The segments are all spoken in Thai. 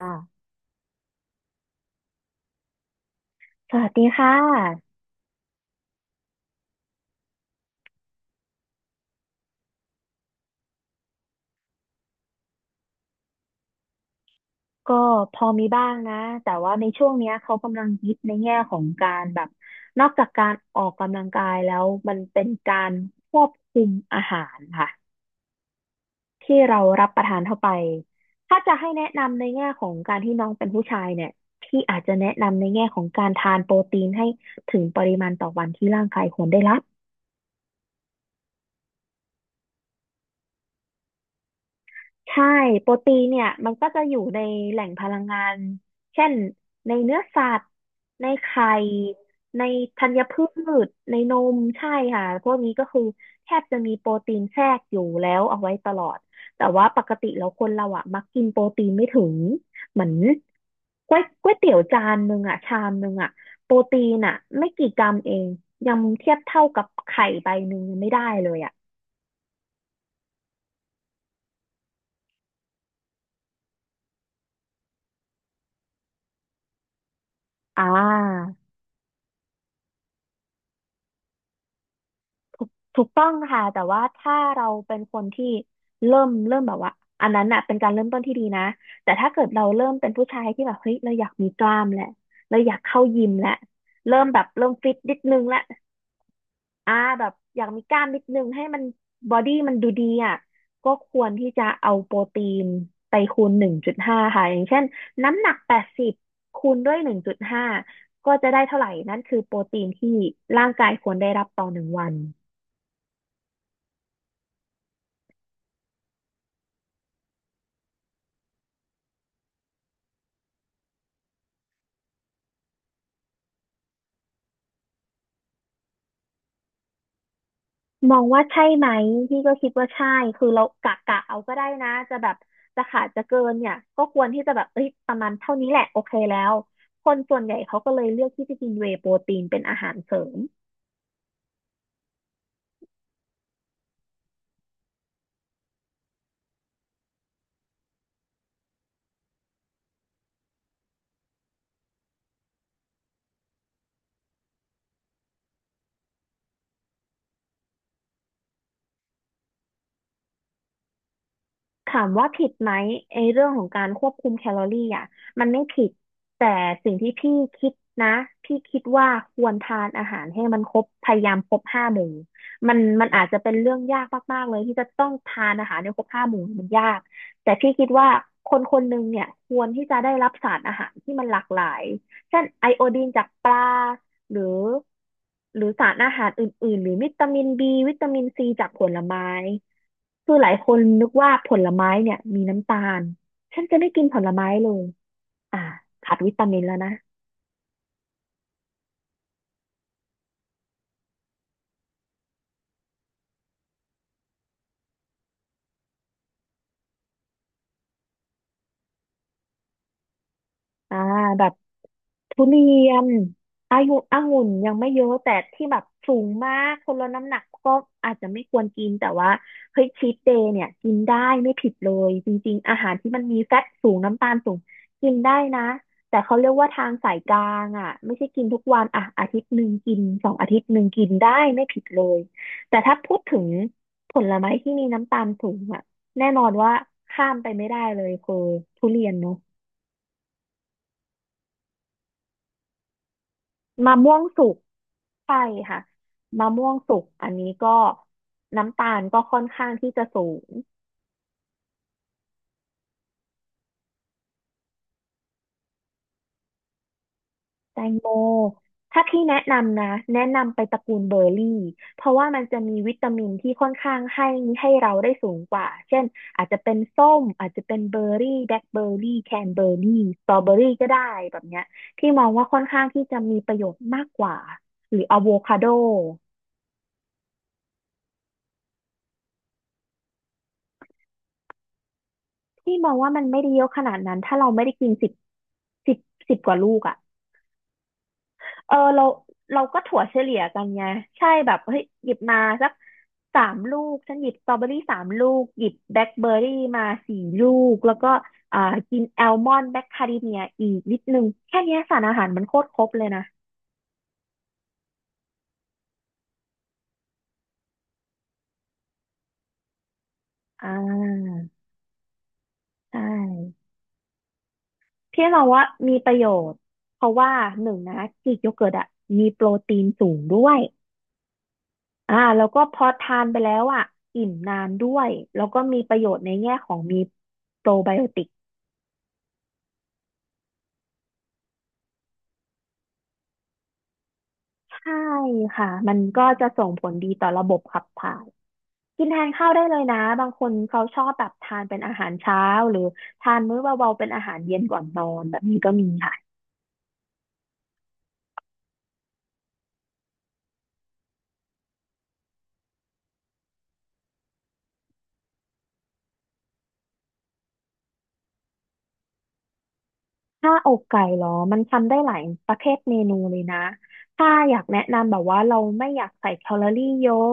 ค่ะสวัสดีค่ะก็พอมีบ้างนะแต่ว่าในช่วงเนี้ยเขากำลังฮิตในแง่ของการแบบนอกจากการออกกำลังกายแล้วมันเป็นการควบคุมอาหารค่ะที่เรารับประทานเข้าไปถ้าจะให้แนะนำในแง่ของการที่น้องเป็นผู้ชายเนี่ยพี่อาจจะแนะนำในแง่ของการทานโปรตีนให้ถึงปริมาณต่อวันที่ร่างกายควรได้รับ ใช่โปรตีนเนี่ยมันก็จะอยู่ในแหล่งพลังงานเช่นในเนื้อสัตว์ในไข่ในธัญพืชในนมใช่ค่ะพวกนี้ก็คือแทบจะมีโปรตีนแทรกอยู่แล้วเอาไว้ตลอดแต่ว่าปกติแล้วคนเราอ่ะมักกินโปรตีนไม่ถึงเหมือนก๋วยเตี๋ยวจานหนึ่งอ่ะชามหนึ่งอ่ะโปรตีนอ่ะไม่กี่กรัมเองยังเทียบเท่ากับไข่ใบหนึ่งยังไม่ได้เลยอ่ะอ่า ถูกต้องค่ะแต่ว่าถ้าเราเป็นคนที่เริ่มแบบว่าอันนั้นน่ะเป็นการเริ่มต้นที่ดีนะแต่ถ้าเกิดเราเริ่มเป็นผู้ชายที่แบบเฮ้ยเราอยากมีกล้ามแหละเราอยากเข้ายิมแหละเริ่มแบบเริ่มฟิตนิดนึงละอ่าแบบอยากมีกล้ามนิดนึงให้มันบอดี้มันดูดีอ่ะก็ควรที่จะเอาโปรตีนไปคูณหนึ่งจุดห้าค่ะอย่างเช่นน้ำหนัก80คูณด้วยหนึ่งจุดห้าก็จะได้เท่าไหร่นั่นคือโปรตีนที่ร่างกายควรได้รับต่อหนึ่งวัน มองว่าใช่ไหมพี่ก็คิดว่าใช่คือเรากะกะเอาก็ได้นะจะแบบจะขาดจะเกินเนี่ยก็ควรที่จะแบบเอ้ยประมาณเท่านี้แหละโอเคแล้วคนส่วนใหญ่เขาก็เลยเลือกที่จะกินเวย์โปรตีนเป็นอาหารเสริม ถามว่าผิดไหมไอ้เรื่องของการควบคุมแคลอรี่อ่ะมันไม่ผิดแต่สิ่งที่พี่คิดนะพี่คิดว่าควรทานอาหารให้มันครบพยายามครบห้าหมู่มันอาจจะเป็นเรื่องยากมากๆเลยที่จะต้องทานอาหารให้ครบห้าหมู่มันยากแต่พี่คิดว่าคนคนหนึ่งเนี่ยควรที่จะได้รับสารอาหารที่มันหลากหลายเช่นไอโอดีนจากปลาหรือสารอาหารอื่นๆหรือวิตามินบีวิตามินซีจากผลไม้ คือหลายคนนึกว่าผลไม้เนี่ยมีน้ำตาล ฉันจะไม่กินผลไม้เลยอ่าขาดวิตามินแล้วนะ อ่าแบบทุเรียนอายุองุ่นยังไม่เยอะแต่ที่แบบสูงมากคนละน้ำหนักก็อาจจะไม่ควรกินแต่ว่าเฮ้ยชีทเดย์เนี่ยกินได้ไม่ผิดเลยจริงๆอาหารที่มันมีแฟตสูงน้ำตาลสูงกินได้นะแต่เขาเรียกว่าทางสายกลางอ่ะไม่ใช่กินทุกวันอ่ะอาทิตย์หนึ่งกินสองอาทิตย์หนึ่งกินได้ไม่ผิดเลยแต่ถ้าพูดถึงผลไม้ที่มีน้ำตาลสูงอ่ะแน่นอนว่าข้ามไปไม่ได้เลยคือทุเรียนเนาะมะม่วงสุก ใช่ค่ะมะม่วงสุกอันนี้ก็น้ำตาลก็ค่อนข้างที่จะสูงแตงโมถ้าพี่แนะนำนะแนะนำไปตระกูลเบอร์รี่เพราะว่ามันจะมีวิตามินที่ค่อนข้างให้เราได้สูงกว่าเช่นอาจจะเป็นส้มอาจจะเป็นเบอร์รี่แบล็คเบอร์รี่แคนเบอร์รี่สตรอเบอร์รี่ก็ได้แบบเนี้ยที่มองว่าค่อนข้างที่จะมีประโยชน์มากกว่าหรืออะโวคาโดที่มองว่ามันไม่ได้เยอะขนาดนั้นถ้าเราไม่ได้กินสิบสิบกว่าลูกอะ เออเราก็ถั่วเฉลี่ยกันไงใช่แบบเฮ้ยหยิบมาสักสามลูกฉันหยิบสตรอเบอรี่สามลูกหยิบแบล็คเบอร์รี่มาสี่ลูกแล้วก็อ่ากินแอลมอนด์แบล็คคาริเมียอีกนิดนึงแค่เนี้ยสารอาหารมันโคตรครบเลยนะอ่าใช่พี่เราว่ามีประโยชน์เพราะว่าหนึ่งนะกรีกโยเกิร์ตอะมีโปรตีนสูงด้วยแล้วก็พอทานไปแล้วอ่ะอิ่มนานด้วยแล้วก็มีประโยชน์ในแง่ของมีโปรไบโอติก ใช่ค่ะ มันก็จะส่งผลดีต่อระบบขับถ่ายกินแทนข้าวได้เลยนะ บางคนเขาชอบแบบทานเป็นอาหารเช้าหรือทานมื้อเบาๆเป็นอาหารเย็นก่อนนอนแบบนี้ก็มีค่ะ ถ้าอกไก่เหรอ มันทำได้หลายประเภทเมนูเลยนะ ถ้าอยากแนะนำแบบว่าเราไม่อยากใส่แคลอรี่เยอะ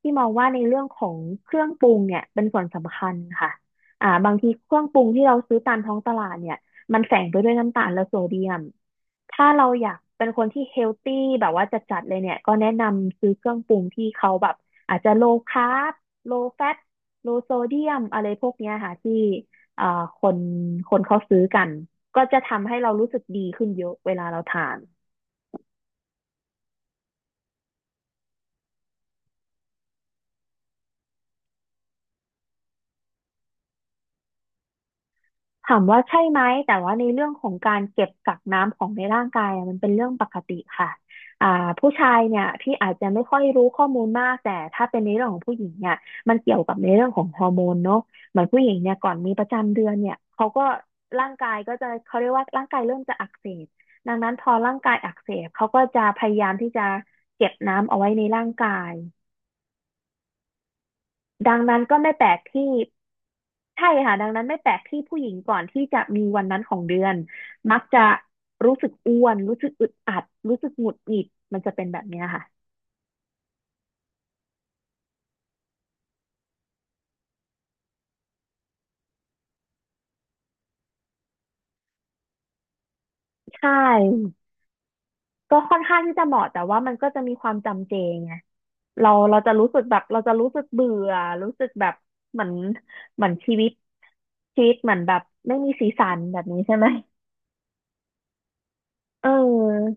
ที่มองว่าในเรื่องของเครื่องปรุงเนี่ยเป็นส่วนสำคัญค่ะบางทีเครื่องปรุงที่เราซื้อตามท้องตลาดเนี่ยมันแฝงไปด้วยน้ำตาลและโซเดียม ถ้าเราอยากเป็นคนที่เฮลตี้แบบว่าจัดๆเลยเนี่ยก็แนะนำซื้อเครื่องปรุงที่เขาแบบอาจจะโลคาร์บโลแฟตโลโซเดียมอะไรพวกเนี้ยค่ะที่เอ่อคนคนเขาซื้อกัน ก็จะทำให้เรารู้สึกดีขึ้นเยอะเวลาเราทานถามว่าใช่ไหมแต่ว่าในเรื่องของการเก็บกักน้ำของในร่างกายอะมันเป็นเรื่องปกติค่ะอ่าผู้ชายเนี่ยที่อาจจะไม่ค่อยรู้ข้อมูลมากแต่ถ้าเป็นในเรื่องของผู้หญิงเนี่ยมันเกี่ยวกับในเรื่องของฮอร์โมนเนาะเหมือนผู้หญิงเนี่ยก่อนมีประจำเดือนเนี่ยเขาก็ร่างกายก็จะเขาเรียกว่าร่างกายเริ่มจะอักเสบดังนั้นพอร่างกายอักเสบเขาก็จะพยายามที่จะเก็บน้ำเอาไว้ในร่างกายดังนั้นก็ไม่แปลกที่ ใช่ค่ะดังนั้นไม่แปลกที่ผู้หญิงก่อนที่จะมีวันนั้นของเดือนมักจะรู้สึกอ้วนรู้สึกอึดอัดรู้สึกหงุดหงิดมันจะเป็นแบบเนี้ยค่ะใช่ก็ค่อนข้างที่จะเหมาะแต่ว่ามันก็จะมีความจำเจไงเราจะรู้สึกแบบเราจะรู้สึกเบื่อรู้สึกแบบเหมือนเหมือนชีวิตเหมือนแบบไม่มีสีสันแบบนี้ใช่ไหมเออ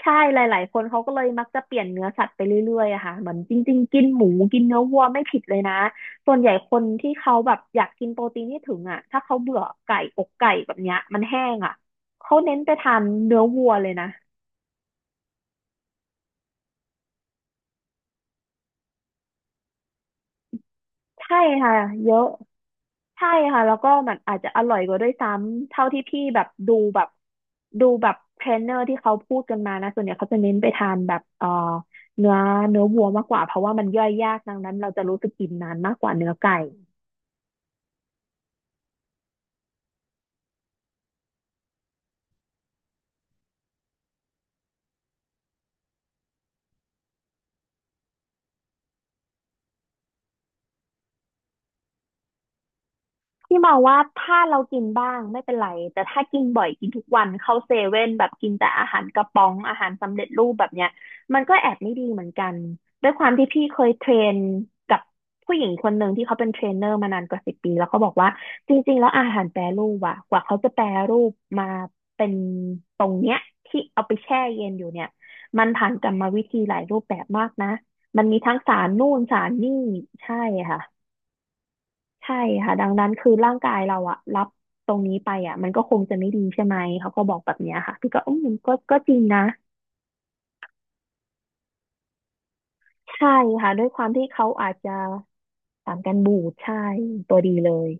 ใช่หลายๆคนเขาก็เลยมักจะเปลี่ยนเนื้อสัตว์ไปเรื่อยๆอะค่ะเหมือนจริง ๆ กินหมูกินเนื้อวัวไม่ผิดเลยนะ ส่วนใหญ่คนที่เขาแบบอยากกินโปรตีนที่ถึงอะถ้าเขาเบื่อไก่อกไก่แบบเนี้ยมันแห้งอะเขาเน้นไปทานเนื้อวัวเลยนะใช่ค่ะเยอะใช่ค่ะแล้วก็มันอาจจะอร่อยกว่าด้วยซ้ำเท่าที่พี่แบบดูแบบเทรนเนอร์ที่เขาพูดกันมานะส่วนใหญ่เขาจะเน้นไปทานแบบเนื้อวัวมากกว่าเพราะว่ามันย่อยยากดังนั้นเราจะรู้สึกอิ่มนานมากกว่าเนื้อไก่ พี่มองว่าถ้าเรากินบ้างไม่เป็นไรแต่ถ้ากินบ่อยกินทุกวันเข้าเซเว่นแบบกินแต่อาหารกระป๋องอาหารสำเร็จรูปแบบเนี้ยมันก็แอบไม่ดีเหมือนกันด้วยความที่พี่เคยเทรนกับผู้หญิงคนหนึ่งที่เขาเป็นเทรนเนอร์มานานกว่าสิบปีแล้วเขาบอกว่าจริงๆแล้วอาหารแปรรูปอะกว่าเขาจะแปรรูปมาเป็นตรงเนี้ยที่เอาไปแช่เย็นอยู่เนี่ยมันผ่านกรรมวิธีหลายรูปแบบมากนะมันมีทั้งสารนู่นสารนี่ใช่ค่ะ ใช่ค่ะดังนั้นคือร่างกายเราอะรับตรงนี้ไปอะมันก็คงจะไม่ดีใช่ไหมเขาก็บอกแบบเนี้ยค่ะพี่ก็อืมก็จริงนะใช่ค่ะด้วยความที่เขาอาจจะสารกันบูดใช่ตัวดีเลย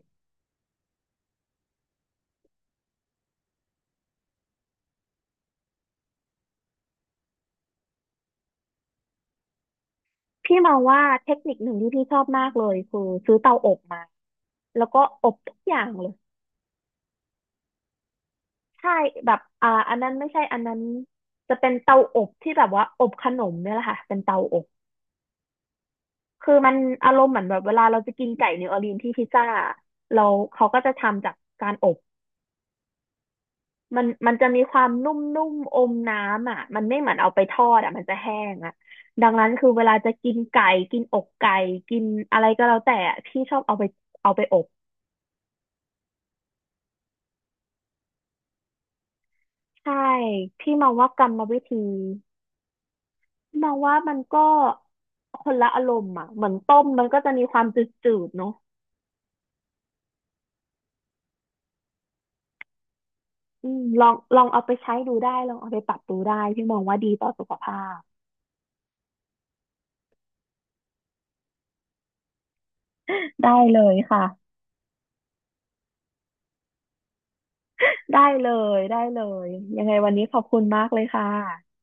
พี่มองว่าเทคนิคหนึ่งที่พี่ชอบมากเลยคือซื้อเตาอบมาแล้วก็อบทุกอย่างเลยใช่แบบอันนั้นไม่ใช่อันนั้นจะเป็นเตาอบที่แบบว่าอบขนมเนี่ยแหละค่ะเป็นเตาอบ คือมันอารมณ์เหมือนแบบเวลาเราจะกินไก่นิวออร์ลีนที่พิซซ่าเราเขาก็จะทำจากการอบมันจะมีความนุ่มๆอมน้ำอ่ะมันไม่เหมือนเอาไปทอดอ่ะมันจะแห้งอ่ะดังนั้นคือเวลาจะกินไก่กินอกไก่กินอะไรก็แล้วแต่อะพี่ชอบเอาไปอบใช่พี่มองว่ากรรมวิธีมองว่ามันก็คนละอารมณ์อ่ะเหมือนต้มมันก็จะมีความจืดๆเนาะอืมลองเอาไปใช้ดูได้ลองเอาไปปรับดูได้พี่มองว่าดีต่อสุขภาพ ได้เลยค่ะได้เลได้เลยยังไงวันนี้ขอบคุณมากเลยค่ะ